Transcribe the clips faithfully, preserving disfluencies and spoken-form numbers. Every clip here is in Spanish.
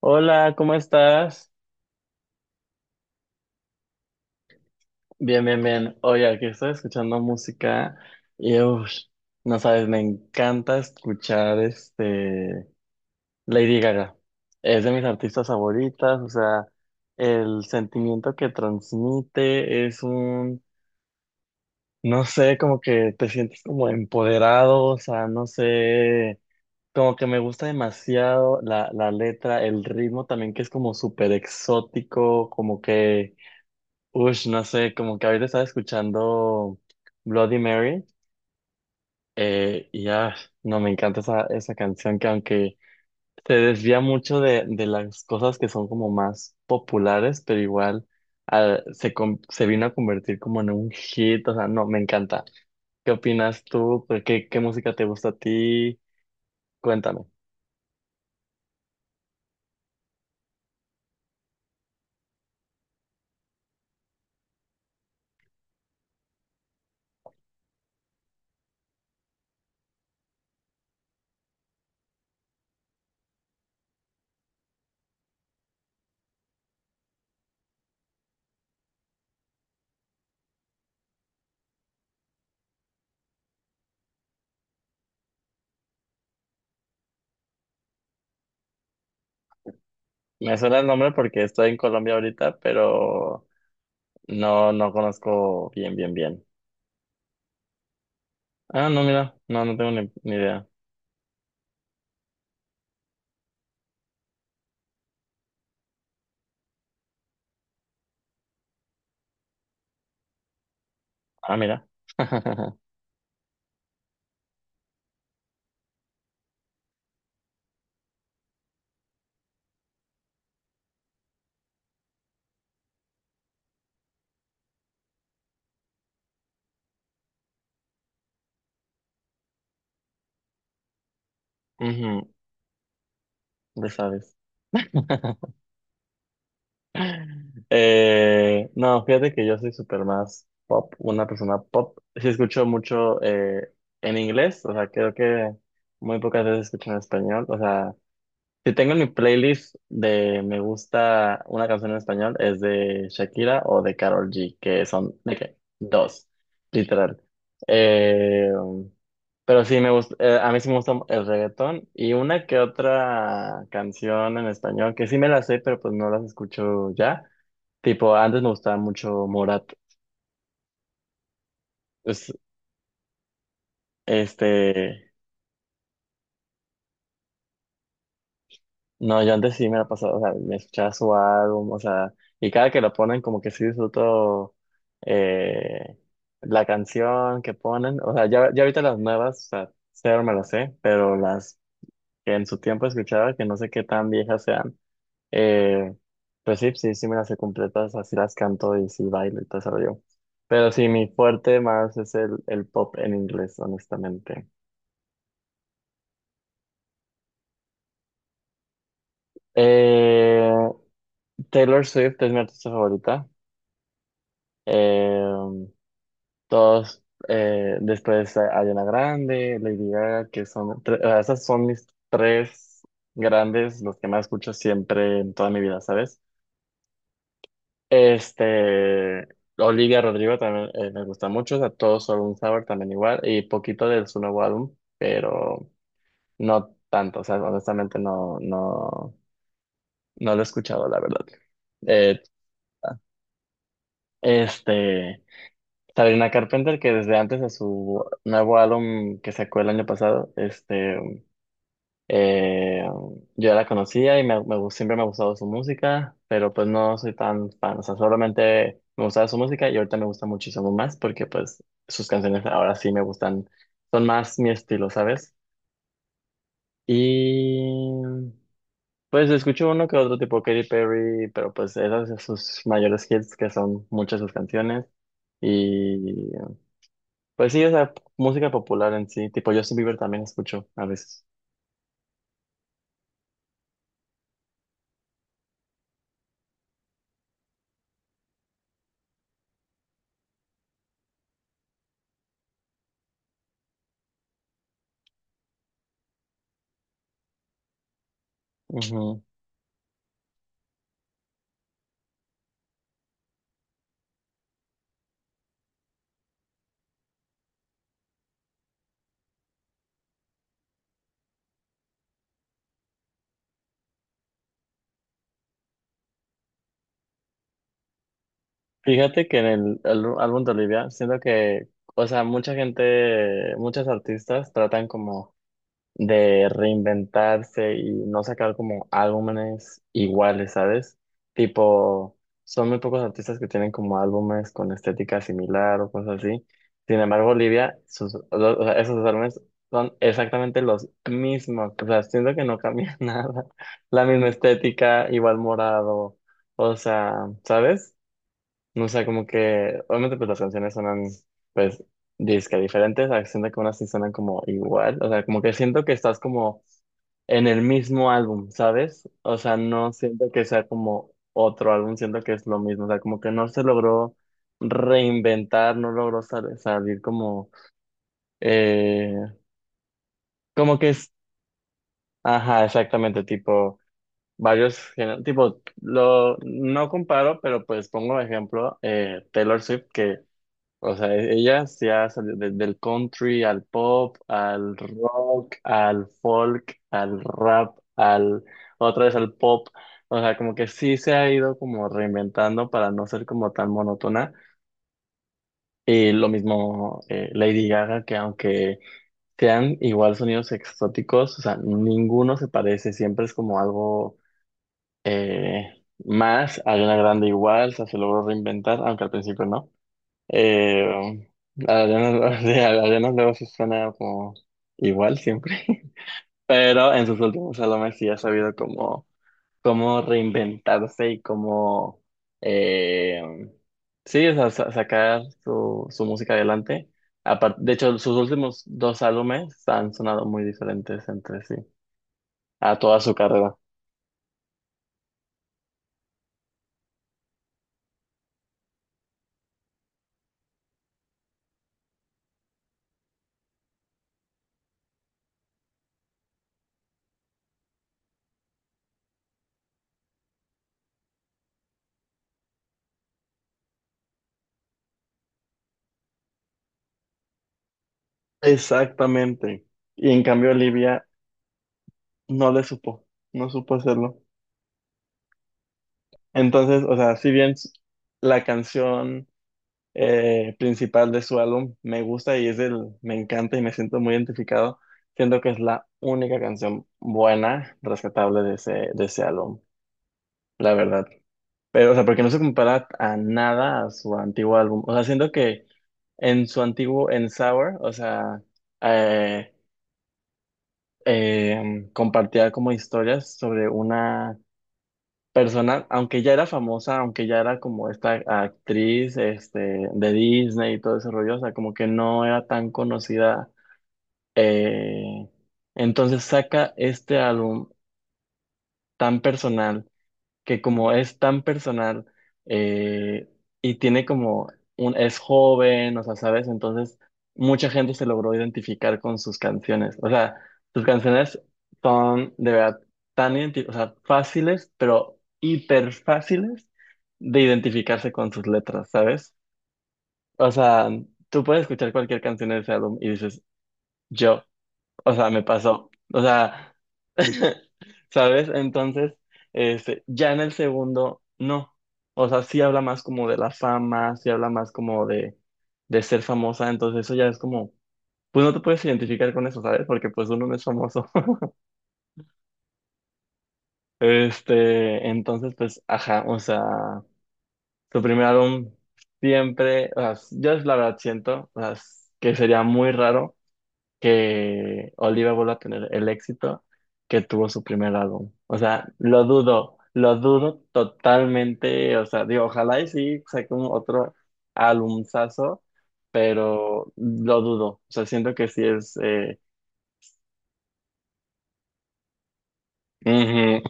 Hola, ¿cómo estás? Bien, bien, bien. Oye, aquí estoy escuchando música y uff, no sabes, me encanta escuchar este Lady Gaga. Es de mis artistas favoritas, o sea, el sentimiento que transmite es un, no sé, como que te sientes como empoderado, o sea, no sé, como que me gusta demasiado la, la letra, el ritmo también que es como súper exótico, como que ush, no sé, como que ahorita estaba escuchando Bloody Mary. Eh, y ya, no, me encanta esa, esa canción que aunque se desvía mucho de, de las cosas que son como más populares, pero igual ah, se, com- se vino a convertir como en un hit, o sea, no, me encanta. ¿Qué opinas tú? ¿Por ¿Qué, Qué música te gusta a ti? Cuéntame. Me suena el nombre porque estoy en Colombia ahorita, pero no, no conozco bien, bien, bien. Ah, no, mira, no, no tengo ni ni idea. Ah, mira. Ujú, ya sabes. Eh, no, fíjate que yo soy súper más pop, una persona pop. Sí escucho mucho eh, en inglés, o sea, creo que muy pocas veces escucho en español. O sea, si tengo en mi playlist de me gusta una canción en español, es de Shakira o de Karol G, que son de qué? Dos, literal. Eh, Pero sí, me gusta, eh, a mí sí me gusta el reggaetón y una que otra canción en español, que sí me las sé, pero pues no las escucho ya. Tipo, antes me gustaba mucho Morat. Es- este, no, yo antes sí me la pasaba, o sea, me escuchaba su álbum, o sea, y cada que lo ponen como que sí disfruto eh, la canción que ponen. O sea, ya, ya ahorita las nuevas, o sea, cero me las sé, pero las que en su tiempo escuchaba, que no sé qué tan viejas sean. Eh, pues sí, sí, sí me las sé completas, así las canto y sí bailo y todo eso yo. Pero sí, mi fuerte más es el, el pop en inglés, honestamente. Eh, Taylor Swift es mi artista favorita. Eh, todos, eh, después a- Ariana Grande, Lady Gaga, que son, tre- o sea, esas son mis tres grandes, los que más escucho siempre en toda mi vida, ¿sabes? Este, Olivia Rodrigo también eh, me gusta mucho, o sea, todo sobre un sabor también igual, y poquito de su nuevo álbum, pero no tanto, o sea, honestamente no, no, no lo he escuchado, la verdad. Eh, este, Sabrina Carpenter, que desde antes de su nuevo álbum que sacó el año pasado, este, Eh, yo la conocía y me, me gu- siempre me ha gustado su música, pero pues no soy tan fan, o sea, solamente me gustaba su música y ahorita me gusta muchísimo más porque pues sus canciones ahora sí me gustan, son más mi estilo, ¿sabes? Y pues escucho uno que otro tipo Katy Perry, pero pues esas son sus mayores hits que son muchas sus canciones y pues sí, o sea, música popular en sí, tipo Justin Bieber también escucho a veces. Fíjate que en el, alu- álbum de Olivia, siento que, o sea, mucha gente, muchos artistas tratan como de reinventarse y no sacar como álbumes iguales, ¿sabes? Tipo, son muy pocos artistas que tienen como álbumes con estética similar o cosas así. Sin embargo, Olivia, sus, lo- o sea, esos álbumes son exactamente los mismos. O sea, siento que no cambia nada. La misma estética, igual morado, o sea, ¿sabes? O sea, como que, obviamente, pues las canciones sonan, pues, disque diferentes, a veces siento que unas sí suenan como igual, o sea, como que siento que estás como en el mismo álbum, ¿sabes? O sea, no siento que sea como otro álbum, siento que es lo mismo, o sea, como que no se logró reinventar, no logró sal- salir como, eh, como que es, ajá, exactamente, tipo, varios, géner- tipo, lo, no comparo, pero pues pongo de ejemplo, eh, Taylor Swift, que o sea, e- ella se ha salido de- del country al pop, al rock, al folk, al rap, al otra vez al pop. O sea, como que sí se ha ido como reinventando para no ser como tan monótona. Y lo mismo eh, Lady Gaga, que aunque sean igual sonidos exóticos, o sea, ninguno se parece, siempre es como algo eh, más. Ariana Grande igual, o sea, se logró reinventar, aunque al principio no. Eh, Adriana, de Adriana luego sí suena como igual siempre, pero en sus últimos álbumes sí ha sabido cómo, cómo reinventarse y cómo, eh, sí, o sea, sa- sacar su, su música adelante. Apar- de hecho, sus últimos dos álbumes han sonado muy diferentes entre sí, a toda su carrera. Exactamente. Y en cambio, Olivia no le supo, no supo hacerlo. Entonces, o sea, si bien la canción eh, principal de su álbum me gusta y es el, me encanta y me siento muy identificado, siento que es la única canción buena, rescatable de ese, de ese álbum, la verdad. Pero, o sea, porque no se compara a nada a su antiguo álbum. O sea, siento que en su antiguo, en Sour, o sea, eh, eh, compartía como historias sobre una persona, aunque ya era famosa, aunque ya era como esta actriz este, de Disney y todo ese rollo, o sea, como que no era tan conocida. eh, entonces saca este álbum tan personal que como es tan personal eh, y tiene como un, es joven, o sea, ¿sabes? Entonces mucha gente se logró identificar con sus canciones. O sea, sus canciones son de verdad tan, identi- o sea, fáciles, pero hiper fáciles de identificarse con sus letras, ¿sabes? O sea, tú puedes escuchar cualquier canción de ese álbum y dices, yo. O sea, me pasó. O sea, ¿sabes? Entonces, este, ya en el segundo, no. O sea, sí habla más como de la fama, sí habla más como de, de ser famosa. Entonces, eso ya es como, pues no te puedes identificar con eso, ¿sabes? Porque pues uno no es famoso. Este, entonces, pues, ajá, o sea, su primer álbum siempre, o sea, yo la verdad siento, o sea, que sería muy raro que Oliva vuelva a tener el éxito que tuvo su primer álbum. O sea, lo dudo, lo dudo totalmente. O sea, digo, ojalá y sí saque un otro álbumazo, pero lo dudo. O sea, siento que sí es. Eh, ujú,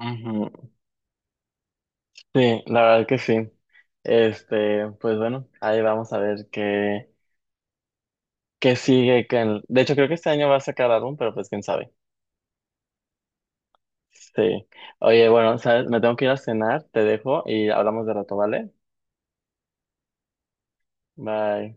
ujú. Sí, la verdad que sí. Este, pues bueno, ahí vamos a ver qué, qué sigue. Que de hecho, creo que este año va a sacar álbum, pero pues quién sabe. Sí. Oye, bueno, ¿sabes? Me tengo que ir a cenar, te dejo y hablamos de rato, ¿vale? Bye.